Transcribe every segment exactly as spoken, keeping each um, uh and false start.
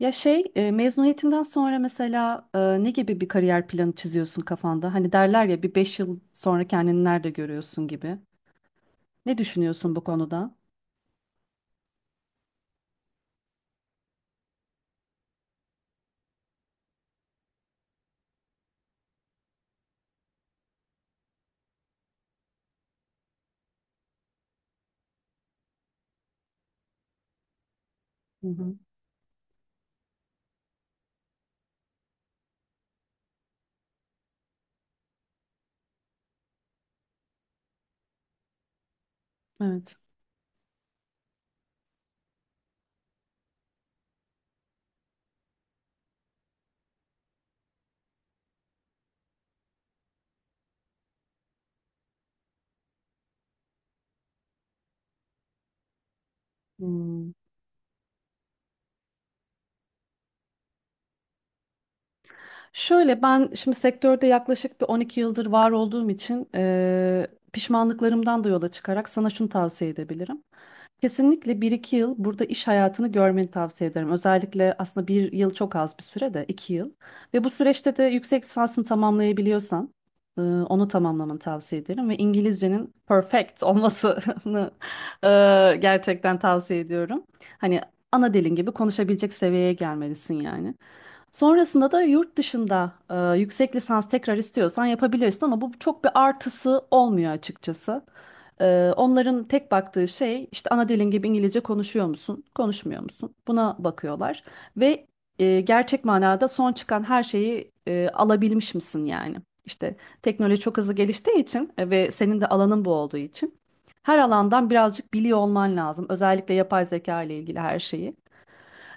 Ya şey e, mezuniyetinden sonra mesela e, ne gibi bir kariyer planı çiziyorsun kafanda? Hani derler ya bir beş yıl sonra kendini nerede görüyorsun gibi. Ne düşünüyorsun bu konuda? Hı hı. Evet. Hmm. Şöyle ben şimdi sektörde yaklaşık bir on iki yıldır var olduğum için e, pişmanlıklarımdan da yola çıkarak sana şunu tavsiye edebilirim. Kesinlikle bir iki yıl burada iş hayatını görmeni tavsiye ederim. Özellikle aslında bir yıl çok az bir süre, de iki yıl. Ve bu süreçte de yüksek lisansını tamamlayabiliyorsan e, onu tamamlamanı tavsiye ederim. Ve İngilizcenin perfect olmasını e, gerçekten tavsiye ediyorum. Hani ana dilin gibi konuşabilecek seviyeye gelmelisin yani. Sonrasında da yurt dışında e, yüksek lisans tekrar istiyorsan yapabilirsin ama bu çok bir artısı olmuyor açıkçası. E, onların tek baktığı şey işte ana dilin gibi İngilizce konuşuyor musun, konuşmuyor musun? Buna bakıyorlar ve e, gerçek manada son çıkan her şeyi e, alabilmiş misin yani? İşte teknoloji çok hızlı geliştiği için e, ve senin de alanın bu olduğu için her alandan birazcık biliyor olman lazım. Özellikle yapay zeka ile ilgili her şeyi.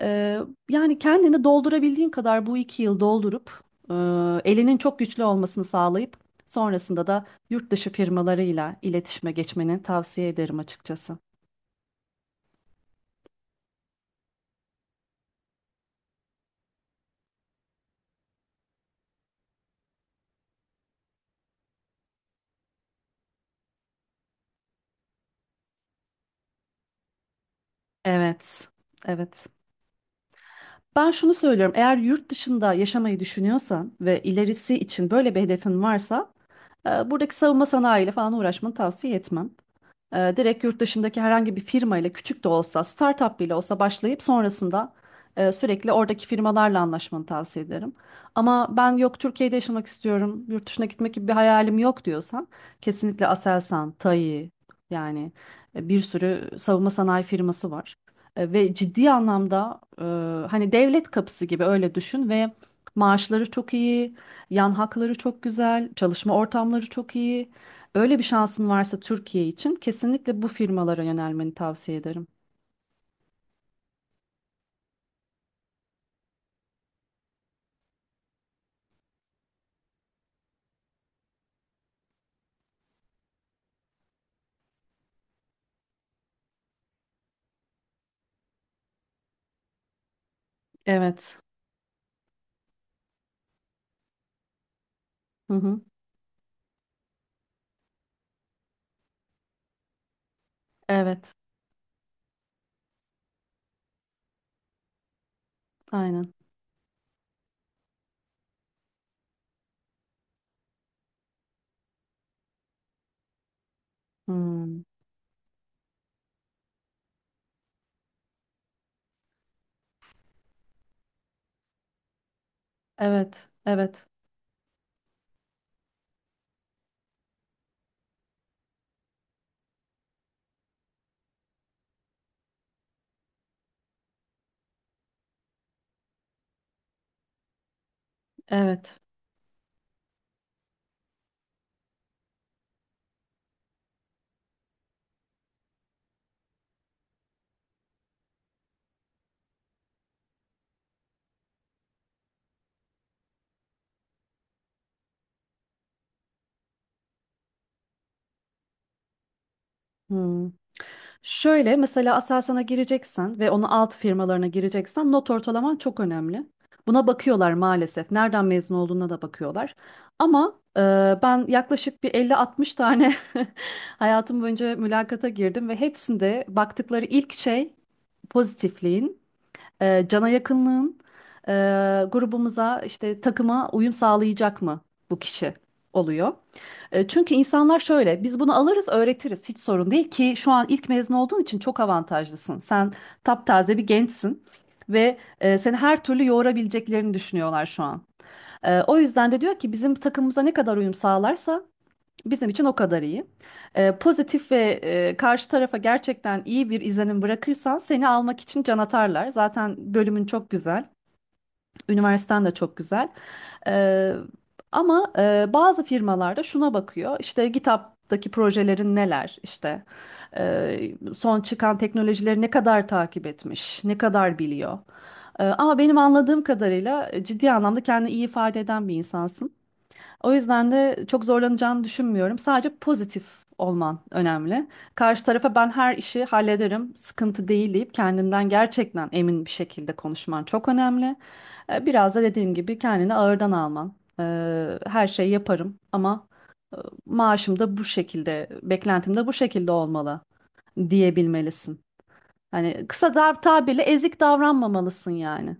Ee, yani kendini doldurabildiğin kadar bu iki yıl doldurup e, elinin çok güçlü olmasını sağlayıp sonrasında da yurt dışı firmalarıyla iletişime geçmeni tavsiye ederim açıkçası. Evet, evet. Ben şunu söylüyorum, eğer yurt dışında yaşamayı düşünüyorsan ve ilerisi için böyle bir hedefin varsa e, buradaki savunma sanayiyle falan uğraşmanı tavsiye etmem. E, direkt yurt dışındaki herhangi bir firma ile küçük de olsa, startup bile olsa başlayıp sonrasında e, sürekli oradaki firmalarla anlaşmanı tavsiye ederim. Ama ben yok Türkiye'de yaşamak istiyorum, yurt dışına gitmek gibi bir hayalim yok diyorsan kesinlikle Aselsan, tay yani e, bir sürü savunma sanayi firması var. E, ve ciddi anlamda e, hani devlet kapısı gibi öyle düşün ve maaşları çok iyi, yan hakları çok güzel, çalışma ortamları çok iyi. Öyle bir şansın varsa Türkiye için kesinlikle bu firmalara yönelmeni tavsiye ederim. Evet. Hı hı. Evet. Aynen. Hmm. Evet. Evet. Evet. Hmm. Şöyle mesela Aselsan'a gireceksen ve onun alt firmalarına gireceksen not ortalaman çok önemli. Buna bakıyorlar maalesef. Nereden mezun olduğuna da bakıyorlar. Ama e, ben yaklaşık bir elli altmış tane hayatım boyunca mülakata girdim ve hepsinde baktıkları ilk şey pozitifliğin, e, cana yakınlığın, e, grubumuza, işte takıma uyum sağlayacak mı bu kişi, oluyor. E, çünkü insanlar şöyle, biz bunu alırız öğretiriz, hiç sorun değil ki şu an ilk mezun olduğun için çok avantajlısın. Sen taptaze bir gençsin. Ve e, seni her türlü yoğurabileceklerini düşünüyorlar şu an. E, o yüzden de diyor ki bizim takımımıza ne kadar uyum sağlarsa Bizim için o kadar iyi. Ee, pozitif ve e, karşı tarafa gerçekten iyi bir izlenim bırakırsan seni almak için can atarlar. Zaten bölümün çok güzel, üniversiten de çok güzel. Ee, ama e, bazı firmalarda şuna bakıyor: işte GitHub'daki projelerin neler, işte e, son çıkan teknolojileri ne kadar takip etmiş, ne kadar biliyor. Ee, ama benim anladığım kadarıyla e, ciddi anlamda kendini iyi ifade eden bir insansın. O yüzden de çok zorlanacağını düşünmüyorum. Sadece pozitif olman önemli. Karşı tarafa, ben her işi hallederim, sıkıntı değil, deyip kendinden gerçekten emin bir şekilde konuşman çok önemli. Ee, Biraz da dediğim gibi kendini ağırdan alman. Ee, Her şeyi yaparım ama e, maaşım da bu şekilde, beklentim de bu şekilde olmalı diyebilmelisin. Hani kısa da tabirle ezik davranmamalısın yani.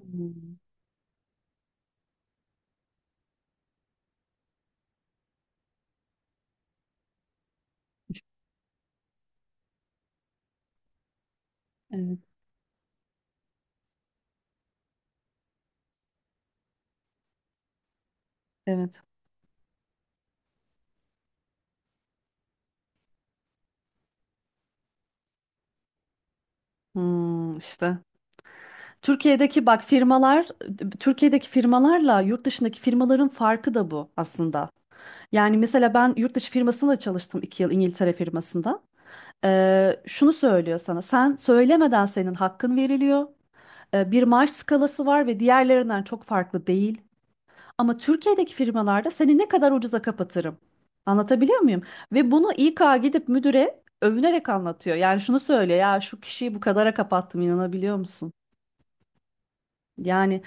Hmm. Evet, evet. Hmm, işte. Türkiye'deki bak firmalar, Türkiye'deki firmalarla yurt dışındaki firmaların farkı da bu aslında. Yani mesela ben yurt dışı firmasında çalıştım, iki yıl İngiltere firmasında. Ee, şunu söylüyor sana, sen söylemeden senin hakkın veriliyor. Ee, bir maaş skalası var ve diğerlerinden çok farklı değil. Ama Türkiye'deki firmalarda, seni ne kadar ucuza kapatırım. Anlatabiliyor muyum? Ve bunu İK gidip müdüre övünerek anlatıyor. Yani şunu söylüyor, ya şu kişiyi bu kadara kapattım, inanabiliyor musun? Yani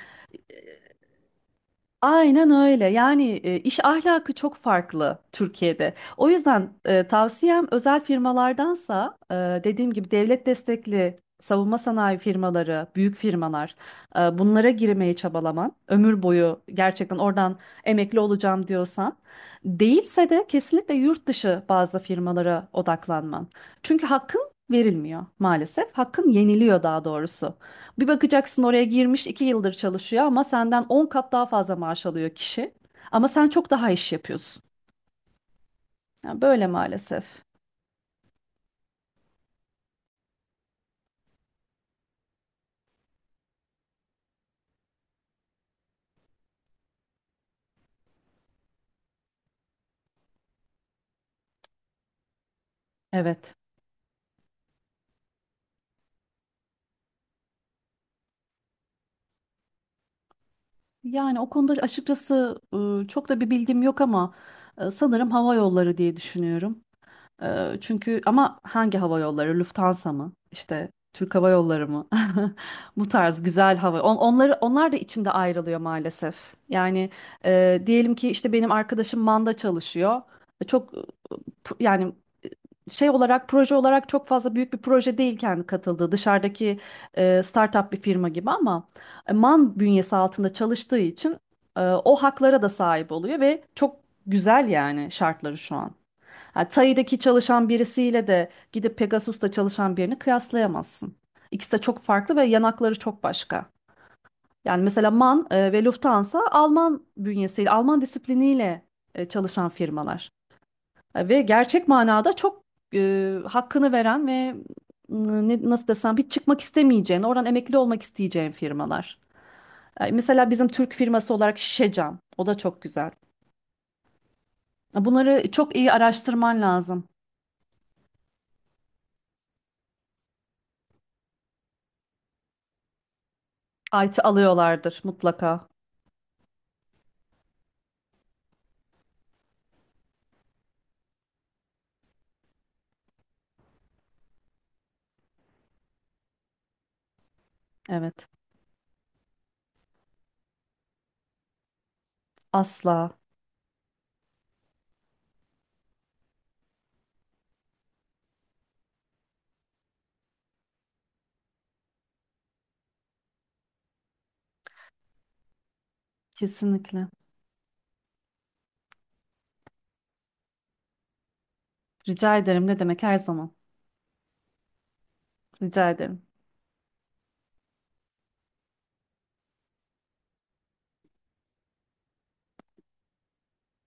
Aynen öyle. Yani e, iş ahlakı çok farklı Türkiye'de. O yüzden e, tavsiyem, özel firmalardansa e, dediğim gibi devlet destekli savunma sanayi firmaları, büyük firmalar, e, bunlara girmeye çabalaman, ömür boyu gerçekten oradan emekli olacağım diyorsan; değilse de kesinlikle yurt dışı bazı firmalara odaklanman. Çünkü hakkın verilmiyor maalesef. Hakkın yeniliyor daha doğrusu. Bir bakacaksın, oraya girmiş iki yıldır çalışıyor ama senden on kat daha fazla maaş alıyor kişi. Ama sen çok daha iş yapıyorsun. Yani böyle maalesef. Evet. Yani o konuda açıkçası e, çok da bir bilgim yok ama e, sanırım hava yolları diye düşünüyorum. E, Çünkü ama hangi hava yolları? Lufthansa mı? İşte Türk Hava Yolları mı? Bu tarz güzel hava. on- Onları, onlar da içinde ayrılıyor maalesef. Yani e, diyelim ki işte benim arkadaşım Man'da çalışıyor. Çok e, p- yani şey olarak, proje olarak çok fazla büyük bir proje değil kendi katıldığı, dışarıdaki e, startup bir firma gibi ama e, man bünyesi altında çalıştığı için e, o haklara da sahip oluyor ve çok güzel yani şartları şu an. Ha, Tai'deki çalışan birisiyle de gidip Pegasus'ta çalışan birini kıyaslayamazsın. İkisi de çok farklı ve yanakları çok başka. Yani mesela man e, ve Lufthansa, Alman bünyesiyle, Alman disipliniyle e, çalışan firmalar. Ve gerçek manada çok e, hakkını veren ve e, ne, nasıl desem, hiç çıkmak istemeyeceğin, oradan emekli olmak isteyeceğin firmalar. E, Mesela bizim Türk firması olarak Şişecam. O da çok güzel. Bunları çok iyi araştırman lazım. I T alıyorlardır mutlaka. Evet. Asla. Kesinlikle. Rica ederim. Ne demek, her zaman. Rica ederim.